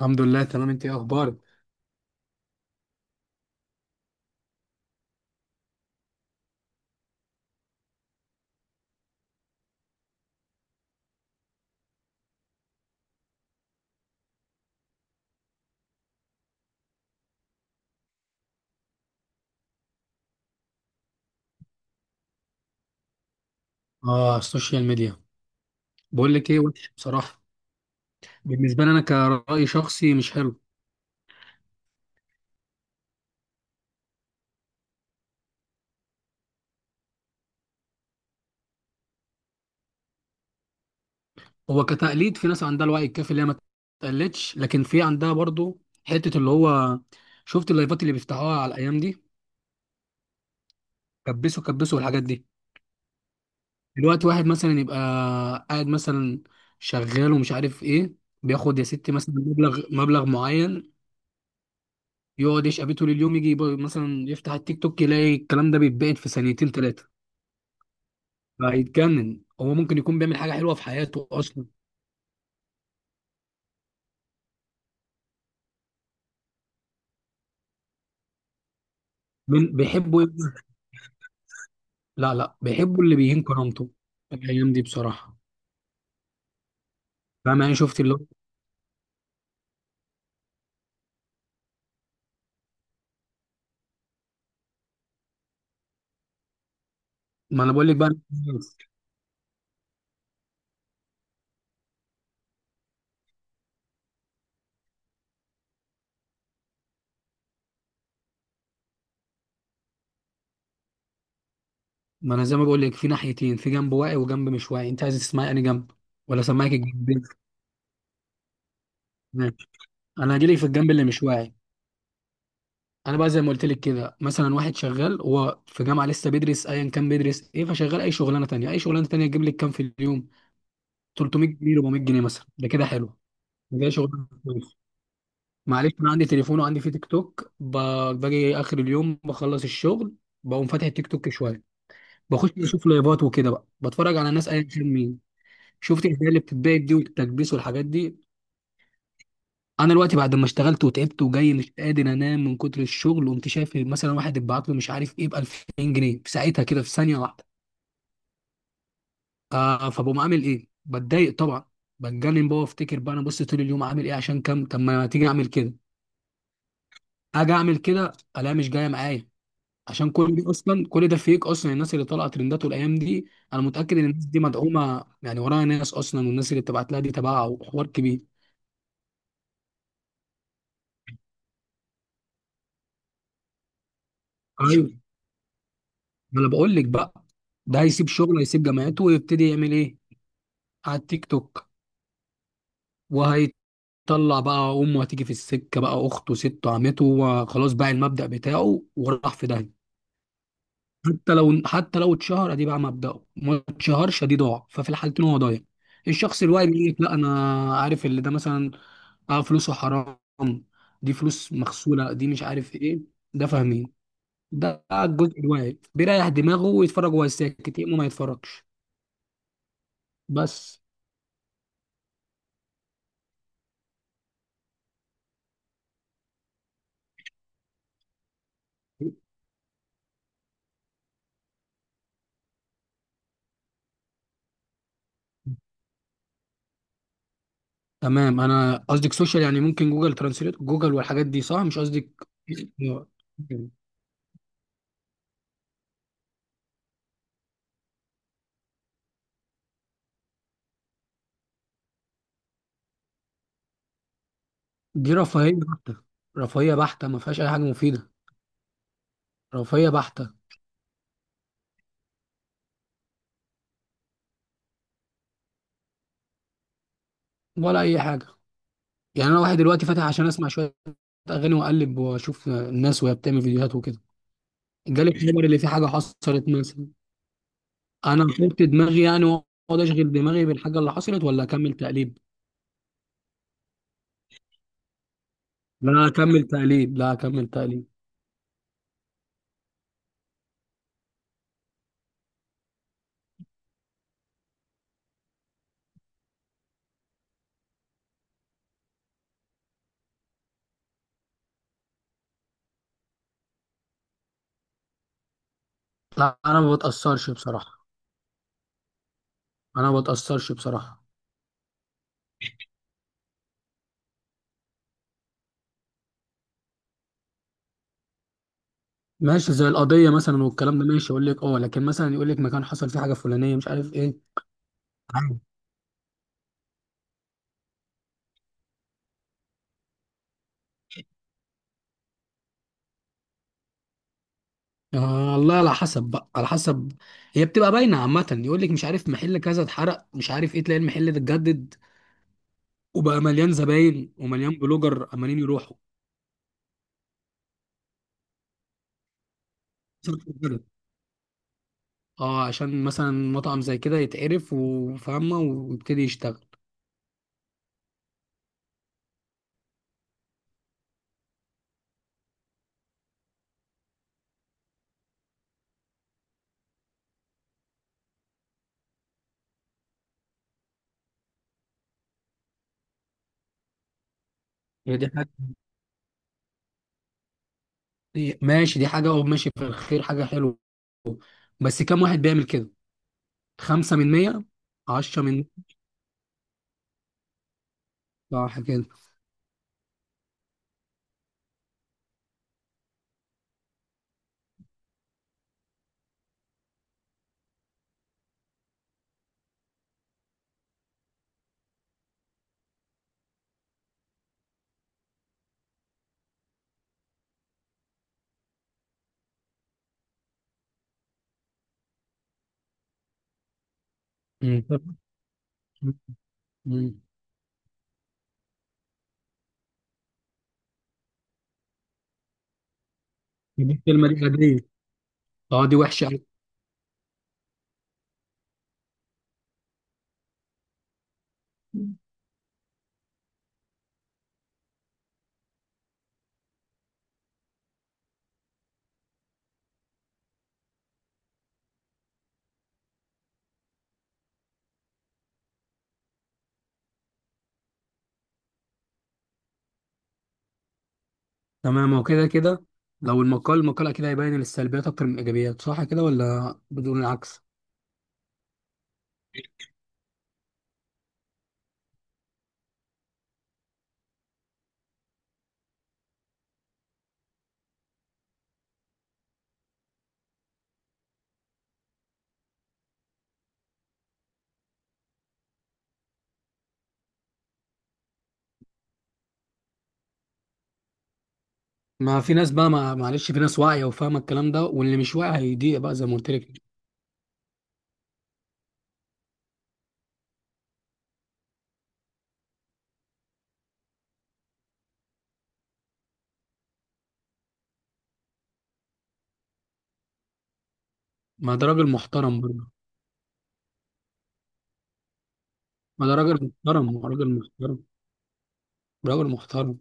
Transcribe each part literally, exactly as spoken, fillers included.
الحمد لله تمام. انت ايه اخبارك؟ اه، السوشيال ميديا. بقول لك ايه، وحش بصراحه. بالنسبه لي انا كرأي شخصي مش حلو. هو كتقليد في ناس عندها الوعي الكافي اللي هي ما تقلدش، لكن في عندها برضو حته اللي هو شفت اللايفات اللي بيفتحوها على الايام دي. كبسوا كبسوا الحاجات دي. دلوقتي واحد مثلا يبقى قاعد مثلا شغال ومش عارف ايه، بياخد يا ستي مثلا مبلغ مبلغ معين، يقعد يشقى بيه طول اليوم، يجي يبقى مثلا يفتح التيك توك يلاقي الكلام ده بيتباعد في ثانيتين ثلاثه، هيتجنن. هو ممكن يكون بيعمل حاجه حلوه في حياته اصلا. من بيحبوا؟ لا لا، بيحبوا اللي بيهين كرامته الايام دي بصراحه. فاهم؟ يعني شفت اللي هو، ما انا بقول لك بقى. ما انا زي ما بقول لك، في ناحيتين، في جنب واعي وجنب مش واعي، انت عايز تسمعي انهي جنب؟ ولا سمعك الجنبين؟ ماشي، انا هجيلك في الجنب اللي مش واعي. انا بقى زي ما قلت لك كده، مثلا واحد شغال، هو في جامعه لسه بيدرس ايا كان بيدرس ايه، فشغال اي شغلانه تانيه، اي شغلانه تانيه تجيب لك كام في اليوم؟ ثلاثمية جنيه، أربع مئة جنيه مثلا، ده كده حلو. ده شغلانه. معلش، انا عندي تليفون وعندي فيه تيك توك، ب- باجي اخر اليوم بخلص الشغل، بقوم فاتح التيك توك شويه، بخش اشوف لايفات وكده بقى، بتفرج على ناس ايا كان مين. شفت الهدايا اللي بتتباع دي والتكبيس والحاجات دي، انا دلوقتي بعد ما اشتغلت وتعبت وجاي مش قادر انام من كتر الشغل، قمت شايف مثلا واحد اتبعت له مش عارف ايه ب ألفين جنيه في ساعتها كده في ثانيه واحده، آه، فبقوم عامل ايه؟ بتضايق طبعا، بتجنن بقى، وافتكر بقى انا بص طول اليوم عامل ايه عشان كام. طب ما تيجي اعمل كده، اجي اعمل كده الاقيها مش جايه معايا. عشان كل دي اصلا، كل ده فيك اصلا. الناس اللي طالعه ترنداته الايام دي انا متاكد ان الناس دي مدعومه، يعني وراها ناس اصلا، والناس اللي بتبعت لها دي تبعها وحوار كبير. ايوه، ما انا بقول لك بقى. ده هيسيب شغله، هيسيب جامعته، ويبتدي يعمل ايه على التيك توك. وهيطلع بقى، امه هتيجي في السكه بقى، اخته، سته، عمته، وخلاص بقى المبدا بتاعه وراح في داهيه. حتى لو حتى لو اتشهر ادي بقى مبدأه، ما اتشهرش ادي ضاع، ففي الحالتين هو ضايع. الشخص الواعي بيقول لك لا، انا عارف اللي ده مثلا، اه، فلوسه حرام، دي فلوس مغسولة، دي مش عارف ايه، ده فاهمين. ده الجزء الواعي، بيريح دماغه ويتفرج وهو ساكت، يقوم ما يتفرجش. بس. تمام، انا قصدك سوشيال؟ يعني ممكن جوجل ترانسليت، جوجل، والحاجات دي، صح؟ مش قصدك؟ دي رفاهية بحتة، رفاهية بحتة، ما فيهاش اي حاجة مفيدة، رفاهية بحتة، ولا اي حاجة. يعني انا واحد دلوقتي فاتح عشان اسمع شوية اغاني واقلب واشوف الناس وهي بتعمل فيديوهات وكده، جالي خبر اللي فيه حاجة حصلت مثلا. انا فهمت دماغي يعني، واقعد اشغل دماغي بالحاجه اللي حصلت، ولا اكمل تقليب؟ لا اكمل تقليب، لا اكمل تقليب. لا، انا ما بتاثرش بصراحه، انا ما بتاثرش بصراحه. ماشي زي القضيه مثلا والكلام ده، ماشي، اقول لك اه، لكن مثلا يقول لك مكان حصل فيه حاجه فلانيه مش عارف ايه، عادي. آه، الله، على حسب بقى، على حسب. هي بتبقى باينه عامه، يقول لك مش عارف محل كذا اتحرق مش عارف ايه، تلاقي المحل ده اتجدد، وبقى مليان زباين ومليان بلوجر عمالين يروحوا. اه، عشان مثلا مطعم زي كده يتعرف وفاهمة، ويبتدي يشتغل. هي دي حاجة، دي- ماشي، دي حاجة، اه، ماشي، في الخير حاجة حلوة. بس كم واحد بيعمل كده؟ خمسة من مية. عشرة من. صح كده. مم. مم. دي الكلمة دي غبية. اه، دي وحشة أوي. تمام، هو كده كده. لو المقال، المقال أكيد هيبين السلبيات أكتر من الإيجابيات، صح كده ولا بدون العكس؟ ما في ناس بقى، ما معلش، في ناس واعية وفاهمة الكلام ده، واللي مش واعي هيضيق بقى زي ما قلت لك. ما ده راجل محترم برضه، ما ده راجل محترم، هو راجل محترم، راجل محترم،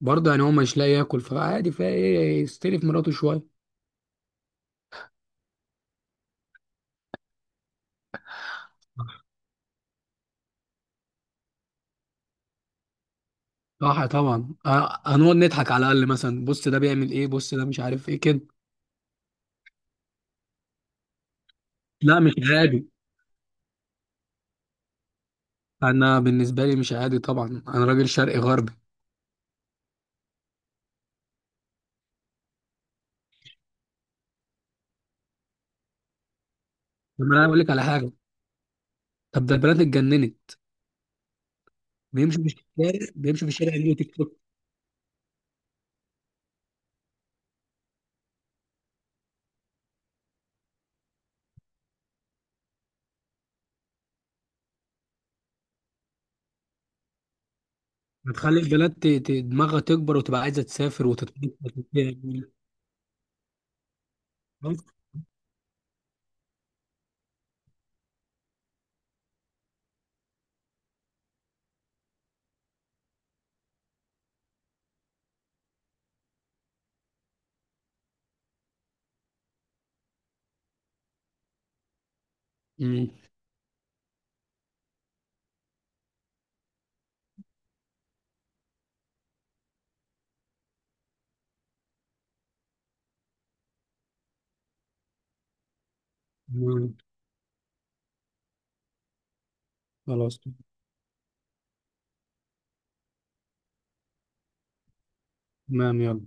برضه يعني هو مش لاقي ياكل فعادي، فايه يستلف مراته شويه. صح طبعا، آه، هنقعد نضحك على الاقل، مثلا بص ده بيعمل ايه، بص ده مش عارف ايه كده. لا، مش عادي. انا بالنسبه لي مش عادي طبعا، انا راجل شرقي غربي. طب انا اقول لك على حاجه، طب ده البنات اتجننت. بيمشوا في الشارع، بيمشوا في الشارع يعملوا تيك توك. هتخلي البنات ت- ت- دماغها تكبر، وتبقى عايزه تسافر وتتنطط وتعمل. بس. مم. مم. خلاص، تمام، يلا.